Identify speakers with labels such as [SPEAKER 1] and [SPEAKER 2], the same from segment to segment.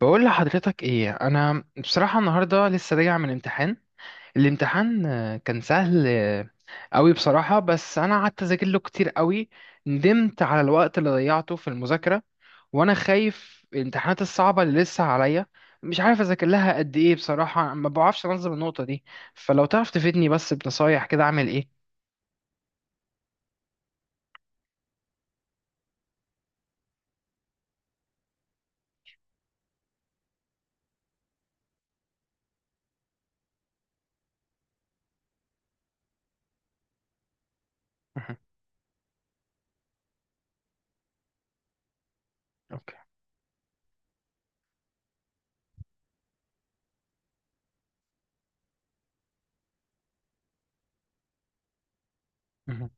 [SPEAKER 1] بقول لحضرتك ايه، انا بصراحة النهاردة لسه راجع من امتحان. الامتحان كان سهل قوي بصراحة. بس انا قعدت اذاكر له كتير قوي. ندمت على الوقت اللي ضيعته في المذاكرة، وانا خايف الامتحانات الصعبة اللي لسه عليا. مش عارف اذاكر لها قد ايه، بصراحة ما بعرفش انظم النقطة دي. فلو تعرف تفيدني بس بنصايح كده اعمل ايه. مهم. اوكي. مهم.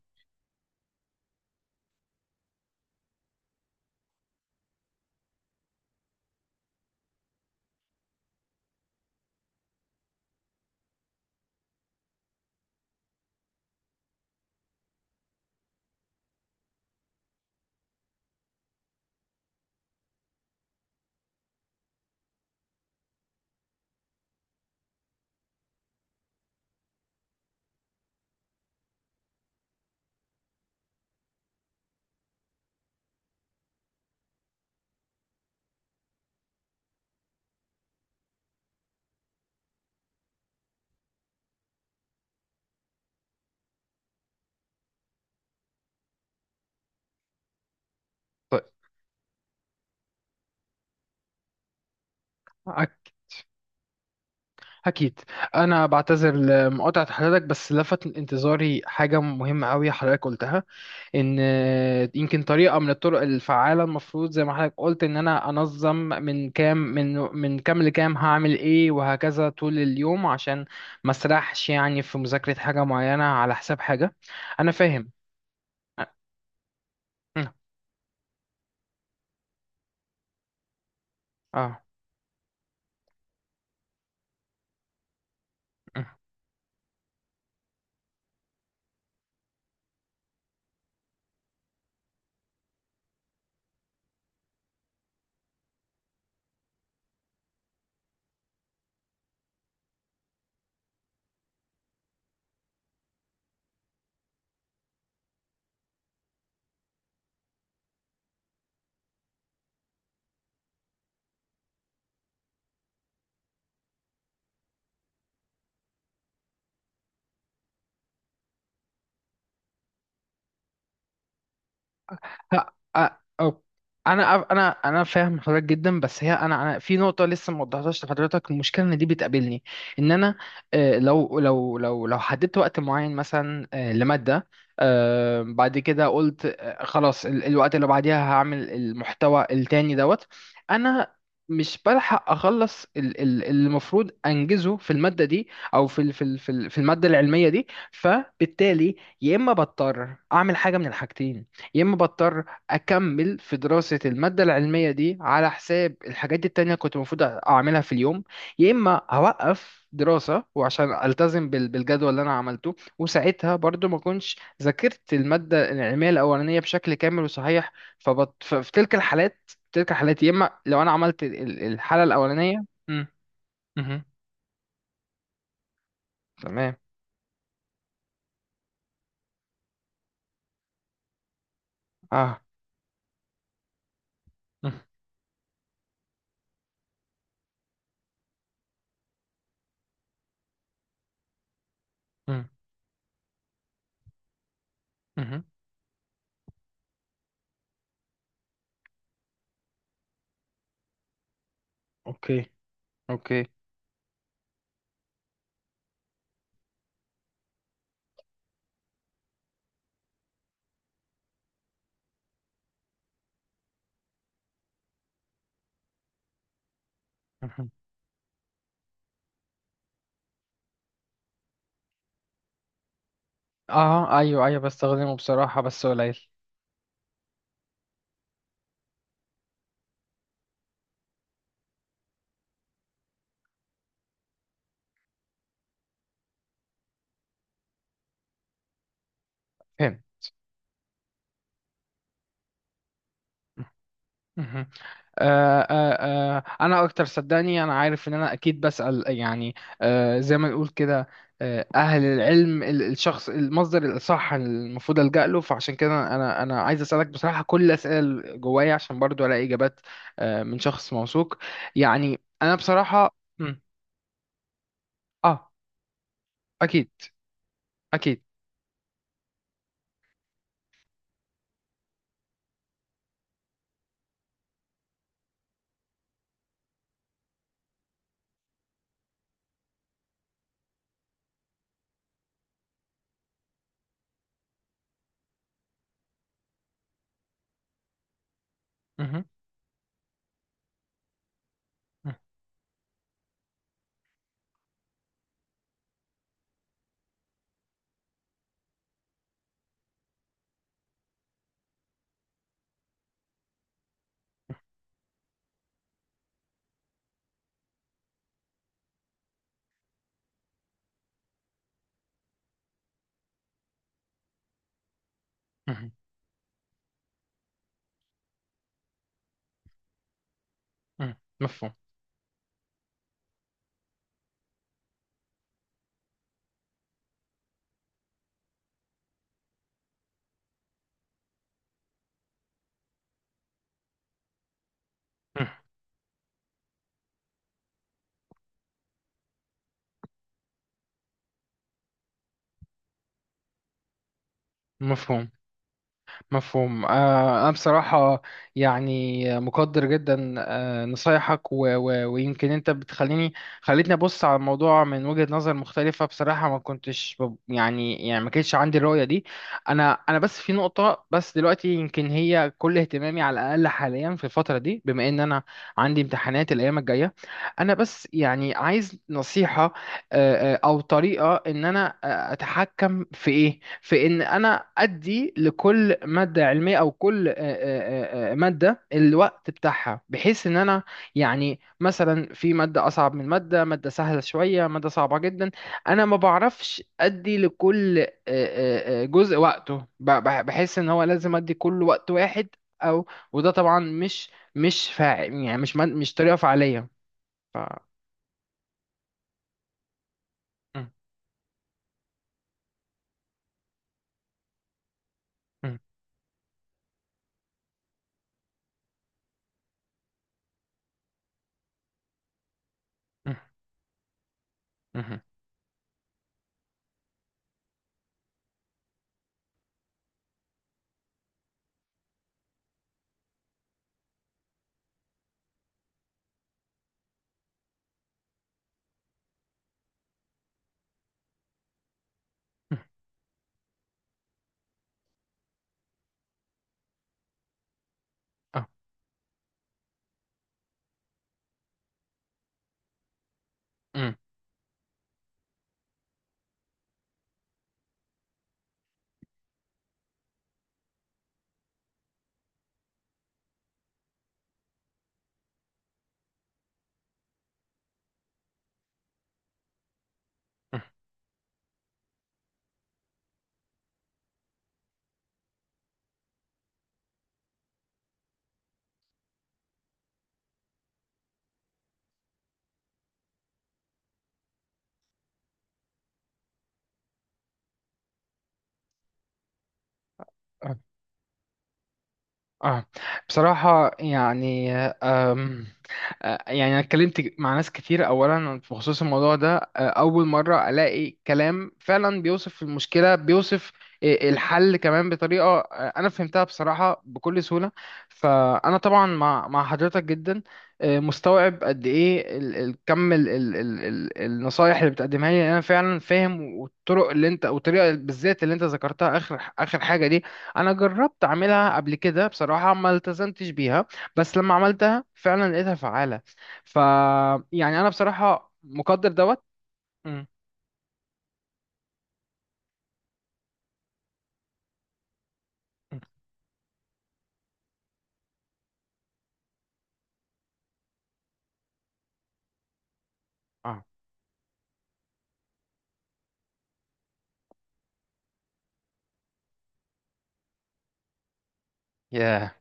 [SPEAKER 1] طيب. أكيد. أنا بعتذر لمقاطعة حضرتك، بس لفت انتظاري حاجة مهمة أوي حضرتك قلتها، إن يمكن طريقة من الطرق الفعالة المفروض، زي ما حضرتك قلت، إن أنا أنظم من كام لكام هعمل إيه، وهكذا طول اليوم، عشان ما أسرحش يعني في مذاكرة حاجة معينة على حساب حاجة. أنا فاهم. أه أه ها- أ- أو- انا أف- انا انا فاهم حضرتك جدا. بس هي انا في نقطه لسه ما وضحتهاش لحضرتك، المشكله ان دي بتقابلني. ان انا آه، لو لو لو لو حددت وقت معين مثلا لماده، بعد كده قلت خلاص الوقت اللي بعديها هعمل المحتوى التاني دوت. انا مش بلحق اخلص اللي المفروض انجزه في الماده دي، او في الماده العلميه دي. فبالتالي يا اما بضطر اعمل حاجه من الحاجتين، يا اما بضطر اكمل في دراسة المادة العلمية دي على حساب الحاجات دي التانية كنت المفروض اعملها في اليوم، يا اما هوقف دراسة وعشان التزم بالجدول اللي انا عملته، وساعتها برضو ما كنتش ذاكرت المادة العلمية الاولانية بشكل كامل وصحيح. ففي تلك الحالات يا اما لو انا عملت الحالة الاولانية. مم. مهم. تمام. اه. مم. مم. مهم. اوكي، اوكي. مهم. اه، ايوه، ايوه، بستخدمه بصراحة بس قليل. فهمت. مهم. آه، آه، انا اكتر، صدقني انا عارف ان انا اكيد بسأل، يعني زي ما نقول كده، اهل العلم، الشخص المصدر الاصح المفروض ألجأ له، فعشان كده انا عايز اسالك بصراحه كل الاسئله اللي جوايا عشان برضو الاقي اجابات من شخص موثوق. يعني انا بصراحه. مم. اه. اكيد، اكيد. مهم. مهم. مهم. مهم. مفهوم. مهم. مفهوم. مفهوم. أنا بصراحة يعني مقدر جدا نصايحك ويمكن أنت خليتني أبص على الموضوع من وجهة نظر مختلفة. بصراحة ما كنتش يعني ما كانش عندي الرؤية دي. أنا بس في نقطة، بس دلوقتي يمكن هي كل اهتمامي على الأقل حاليا في الفترة دي، بما إن أنا عندي امتحانات الأيام الجاية، أنا بس يعني عايز نصيحة. او طريقه ان انا اتحكم في ان انا ادي لكل ماده علميه، او كل ماده الوقت بتاعها، بحيث ان انا يعني مثلا في ماده اصعب من ماده سهله شويه، ماده صعبه جدا. انا ما بعرفش ادي لكل جزء وقته، بحس ان هو لازم ادي كل وقت واحد. او وده طبعا مش يعني مش طريقه فعاليه. ف... م- م- م- م- م- مم. مم. اه، بصراحة يعني، يعني أنا اتكلمت مع ناس كتير أولا بخصوص الموضوع ده، أول مرة ألاقي كلام فعلا بيوصف المشكلة، بيوصف الحل كمان بطريقة أنا فهمتها بصراحة بكل سهولة. فأنا طبعا مع حضرتك جدا، مستوعب قد إيه كم النصايح اللي بتقدمها لي. أنا فعلا فاهم، والطرق اللي والطريقة بالذات اللي أنت ذكرتها آخر آخر حاجة دي، انا جربت اعملها قبل كده بصراحه ما التزمتش بيها، بس لما عملتها فعلا لقيتها فعاله. ف يعني انا بصراحه مقدر دوت. مم، مم، اه، ياه،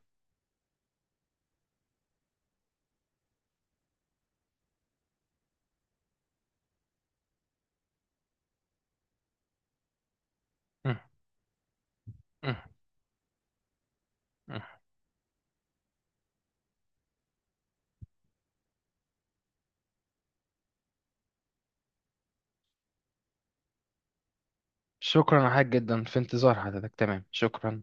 [SPEAKER 1] مم، مم، مم. شكرا يا حاج جدا، في انتظار حضرتك. تمام، شكرا.